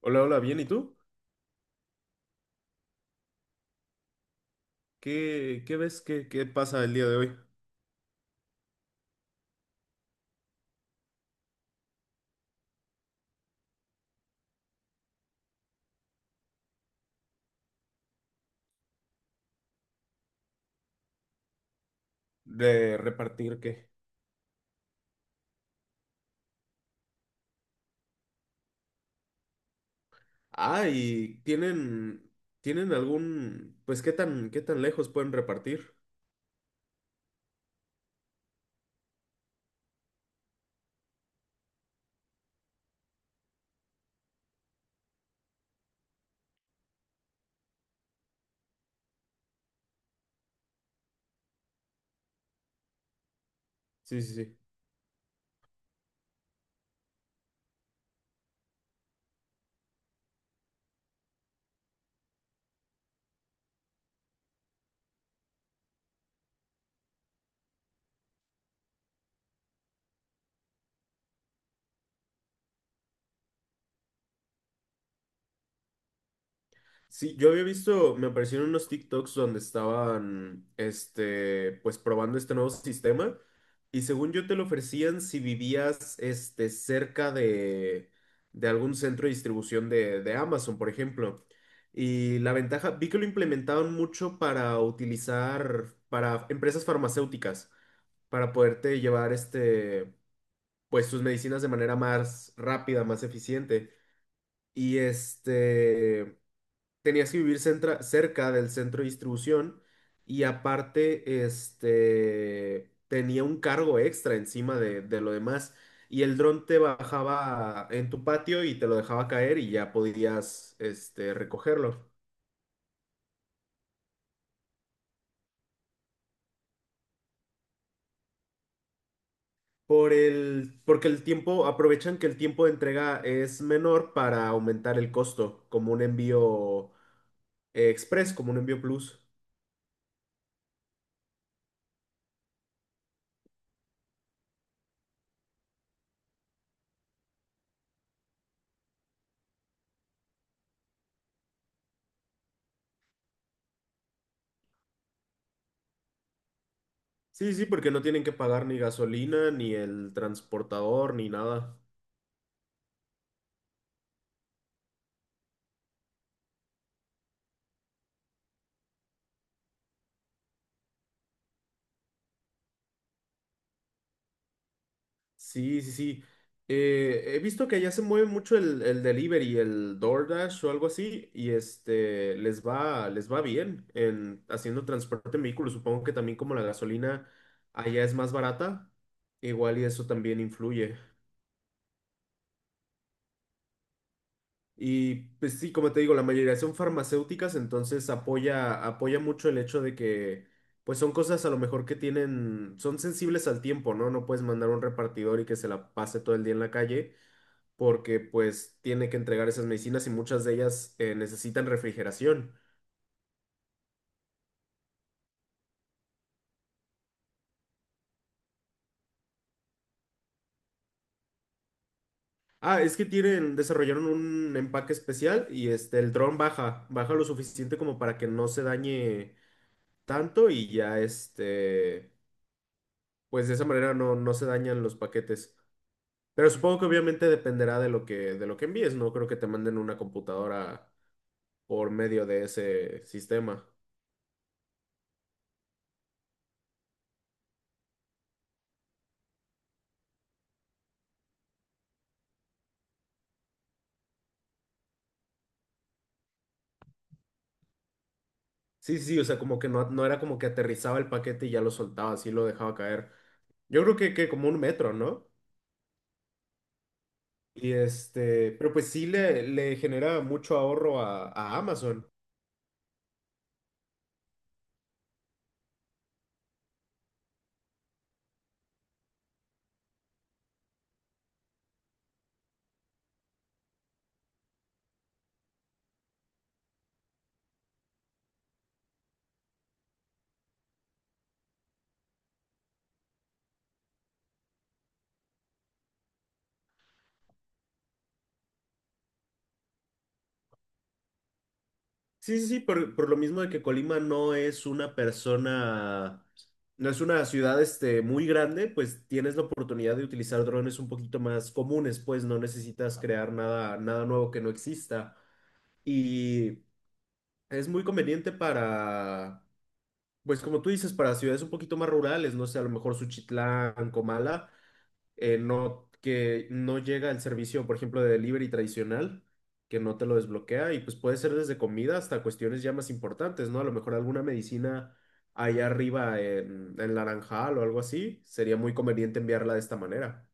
Hola, hola, bien, ¿y tú? ¿Qué ves? ¿Qué pasa el día de hoy? ¿De repartir qué? Ah, y tienen algún, pues, ¿qué tan lejos pueden repartir? Sí, sí, sí. Sí, yo había visto, me aparecieron unos TikToks donde estaban, este, pues probando este nuevo sistema y según yo te lo ofrecían si vivías, este, cerca de algún centro de distribución de Amazon, por ejemplo. Y la ventaja, vi que lo implementaban mucho para utilizar, para empresas farmacéuticas, para poderte llevar, este, pues tus medicinas de manera más rápida, más eficiente. Y este tenías que vivir cerca del centro de distribución y aparte, este, tenía un cargo extra encima de lo demás y el dron te bajaba en tu patio y te lo dejaba caer y ya podías, este, recogerlo. Porque el tiempo, aprovechan que el tiempo de entrega es menor para aumentar el costo, como un envío, express, como un envío plus. Sí, sí, porque no tienen que pagar ni gasolina, ni el transportador, ni nada. Sí, sí, sí. He visto que allá se mueve mucho el delivery, el DoorDash o algo así, y este les va bien en haciendo transporte en vehículos. Supongo que también como la gasolina allá es más barata, igual y eso también influye. Y pues sí, como te digo, la mayoría son farmacéuticas, entonces apoya, apoya mucho el hecho de que pues son cosas a lo mejor que tienen, son sensibles al tiempo, ¿no? No puedes mandar a un repartidor y que se la pase todo el día en la calle porque pues tiene que entregar esas medicinas y muchas de ellas necesitan refrigeración. Ah, es que tienen, desarrollaron un empaque especial y este, el dron baja, baja lo suficiente como para que no se dañe tanto y ya este, pues de esa manera no, no se dañan los paquetes. Pero supongo que obviamente dependerá de lo que envíes, no creo que te manden una computadora por medio de ese sistema. Sí, sí, sí, o sea, como que no, no era como que aterrizaba el paquete y ya lo soltaba, así lo dejaba caer. Yo creo que como un metro, ¿no? Y este, pero pues sí le genera mucho ahorro a Amazon. Sí, sí, sí, por lo mismo de que Colima no es una persona, no es una ciudad este, muy grande, pues tienes la oportunidad de utilizar drones un poquito más comunes, pues no necesitas crear nada, nada nuevo que no exista. Y es muy conveniente para, pues como tú dices, para ciudades un poquito más rurales, no sé, a lo mejor Suchitlán, Comala no, que no llega el servicio, por ejemplo, de delivery tradicional, que no te lo desbloquea y pues puede ser desde comida hasta cuestiones ya más importantes, ¿no? A lo mejor alguna medicina allá arriba en Naranjal o algo así, sería muy conveniente enviarla de esta manera.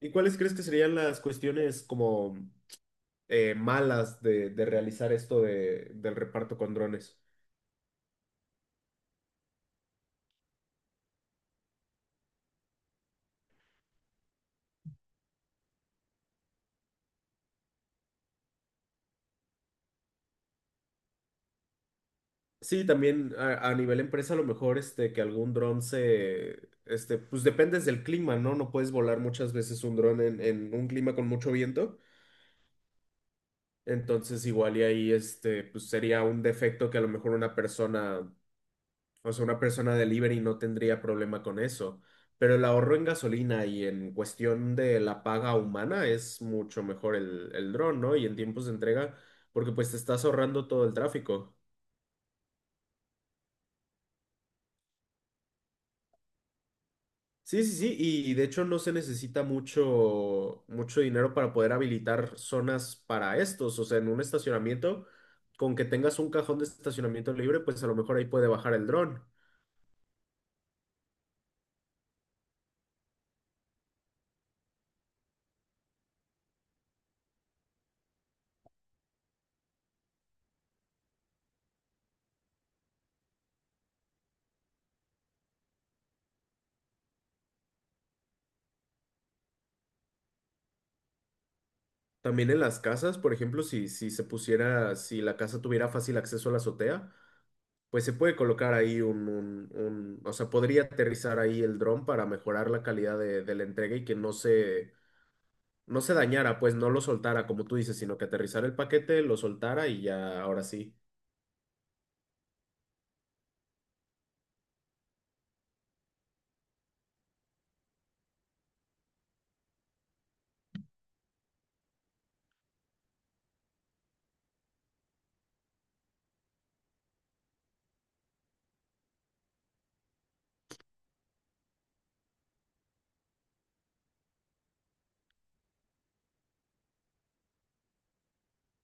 ¿Y cuáles crees que serían las cuestiones como malas de realizar esto del reparto con drones? Sí, también a nivel empresa, a lo mejor este, que algún dron se, este, pues dependes del clima, ¿no? No puedes volar muchas veces un dron en un clima con mucho viento. Entonces, igual y ahí, este, pues sería un defecto que a lo mejor una persona, o sea, una persona delivery no tendría problema con eso. Pero el ahorro en gasolina y en cuestión de la paga humana es mucho mejor el dron, ¿no? Y en tiempos de entrega, porque pues te estás ahorrando todo el tráfico. Sí, sí, sí, y de hecho no se necesita mucho, mucho dinero para poder habilitar zonas para estos, o sea, en un estacionamiento, con que tengas un cajón de estacionamiento libre, pues a lo mejor ahí puede bajar el dron. También en las casas, por ejemplo, si, si se pusiera, si la casa tuviera fácil acceso a la azotea, pues se puede colocar ahí un, o sea, podría aterrizar ahí el dron para mejorar la calidad de la entrega y que no se, no se dañara, pues no lo soltara, como tú dices, sino que aterrizara el paquete, lo soltara y ya, ahora sí.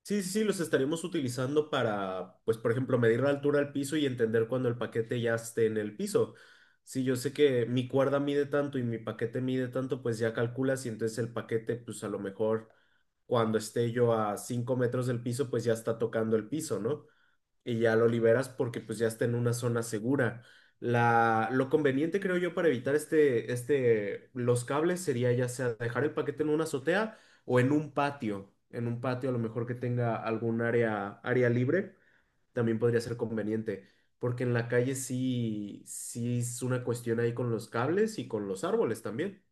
Sí, sí, sí, los estaremos utilizando para, pues, por ejemplo, medir la altura al piso y entender cuando el paquete ya esté en el piso. Si yo sé que mi cuerda mide tanto y mi paquete mide tanto, pues ya calculas y entonces el paquete, pues a lo mejor cuando esté yo a 5 metros del piso, pues ya está tocando el piso, ¿no? Y ya lo liberas porque pues ya está en una zona segura. La, lo conveniente creo yo para evitar este, este, los cables sería ya sea dejar el paquete en una azotea o en un patio a lo mejor que tenga algún área, área libre, también podría ser conveniente, porque en la calle sí, sí es una cuestión ahí con los cables y con los árboles también.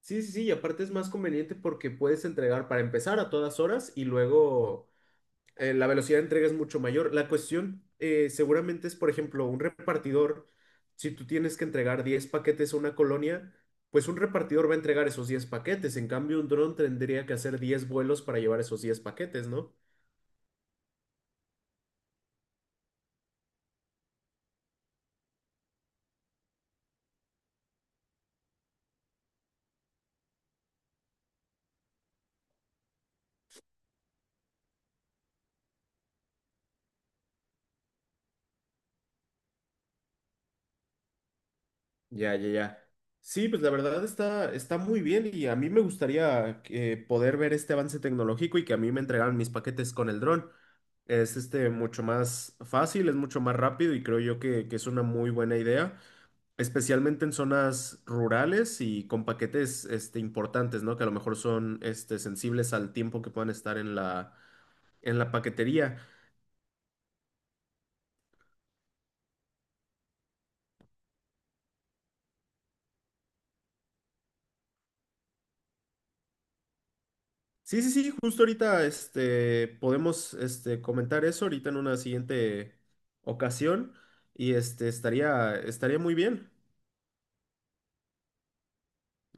Sí, sí, sí, y aparte es más conveniente porque puedes entregar para empezar a todas horas y luego... la velocidad de entrega es mucho mayor. La cuestión seguramente es, por ejemplo, un repartidor, si tú tienes que entregar 10 paquetes a una colonia, pues un repartidor va a entregar esos 10 paquetes. En cambio, un dron tendría que hacer 10 vuelos para llevar esos 10 paquetes, ¿no? Ya, ya, ya. Sí, pues la verdad está, está muy bien y a mí me gustaría poder ver este avance tecnológico y que a mí me entregaran mis paquetes con el dron. Es este mucho más fácil, es mucho más rápido y creo yo que es una muy buena idea. Especialmente en zonas rurales y con paquetes este, importantes, ¿no? Que a lo mejor son este, sensibles al tiempo que puedan estar en la paquetería. Sí, sí, sí, justo ahorita este, podemos este, comentar eso ahorita en una siguiente ocasión y este, estaría, estaría muy bien.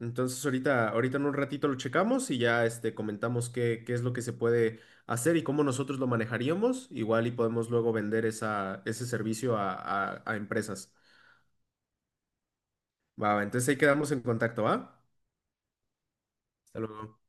Entonces ahorita, ahorita en un ratito lo checamos y ya este, comentamos qué, qué es lo que se puede hacer y cómo nosotros lo manejaríamos. Igual y podemos luego vender esa, ese servicio a a empresas. Va, va, entonces ahí quedamos en contacto, ¿va? Hasta luego.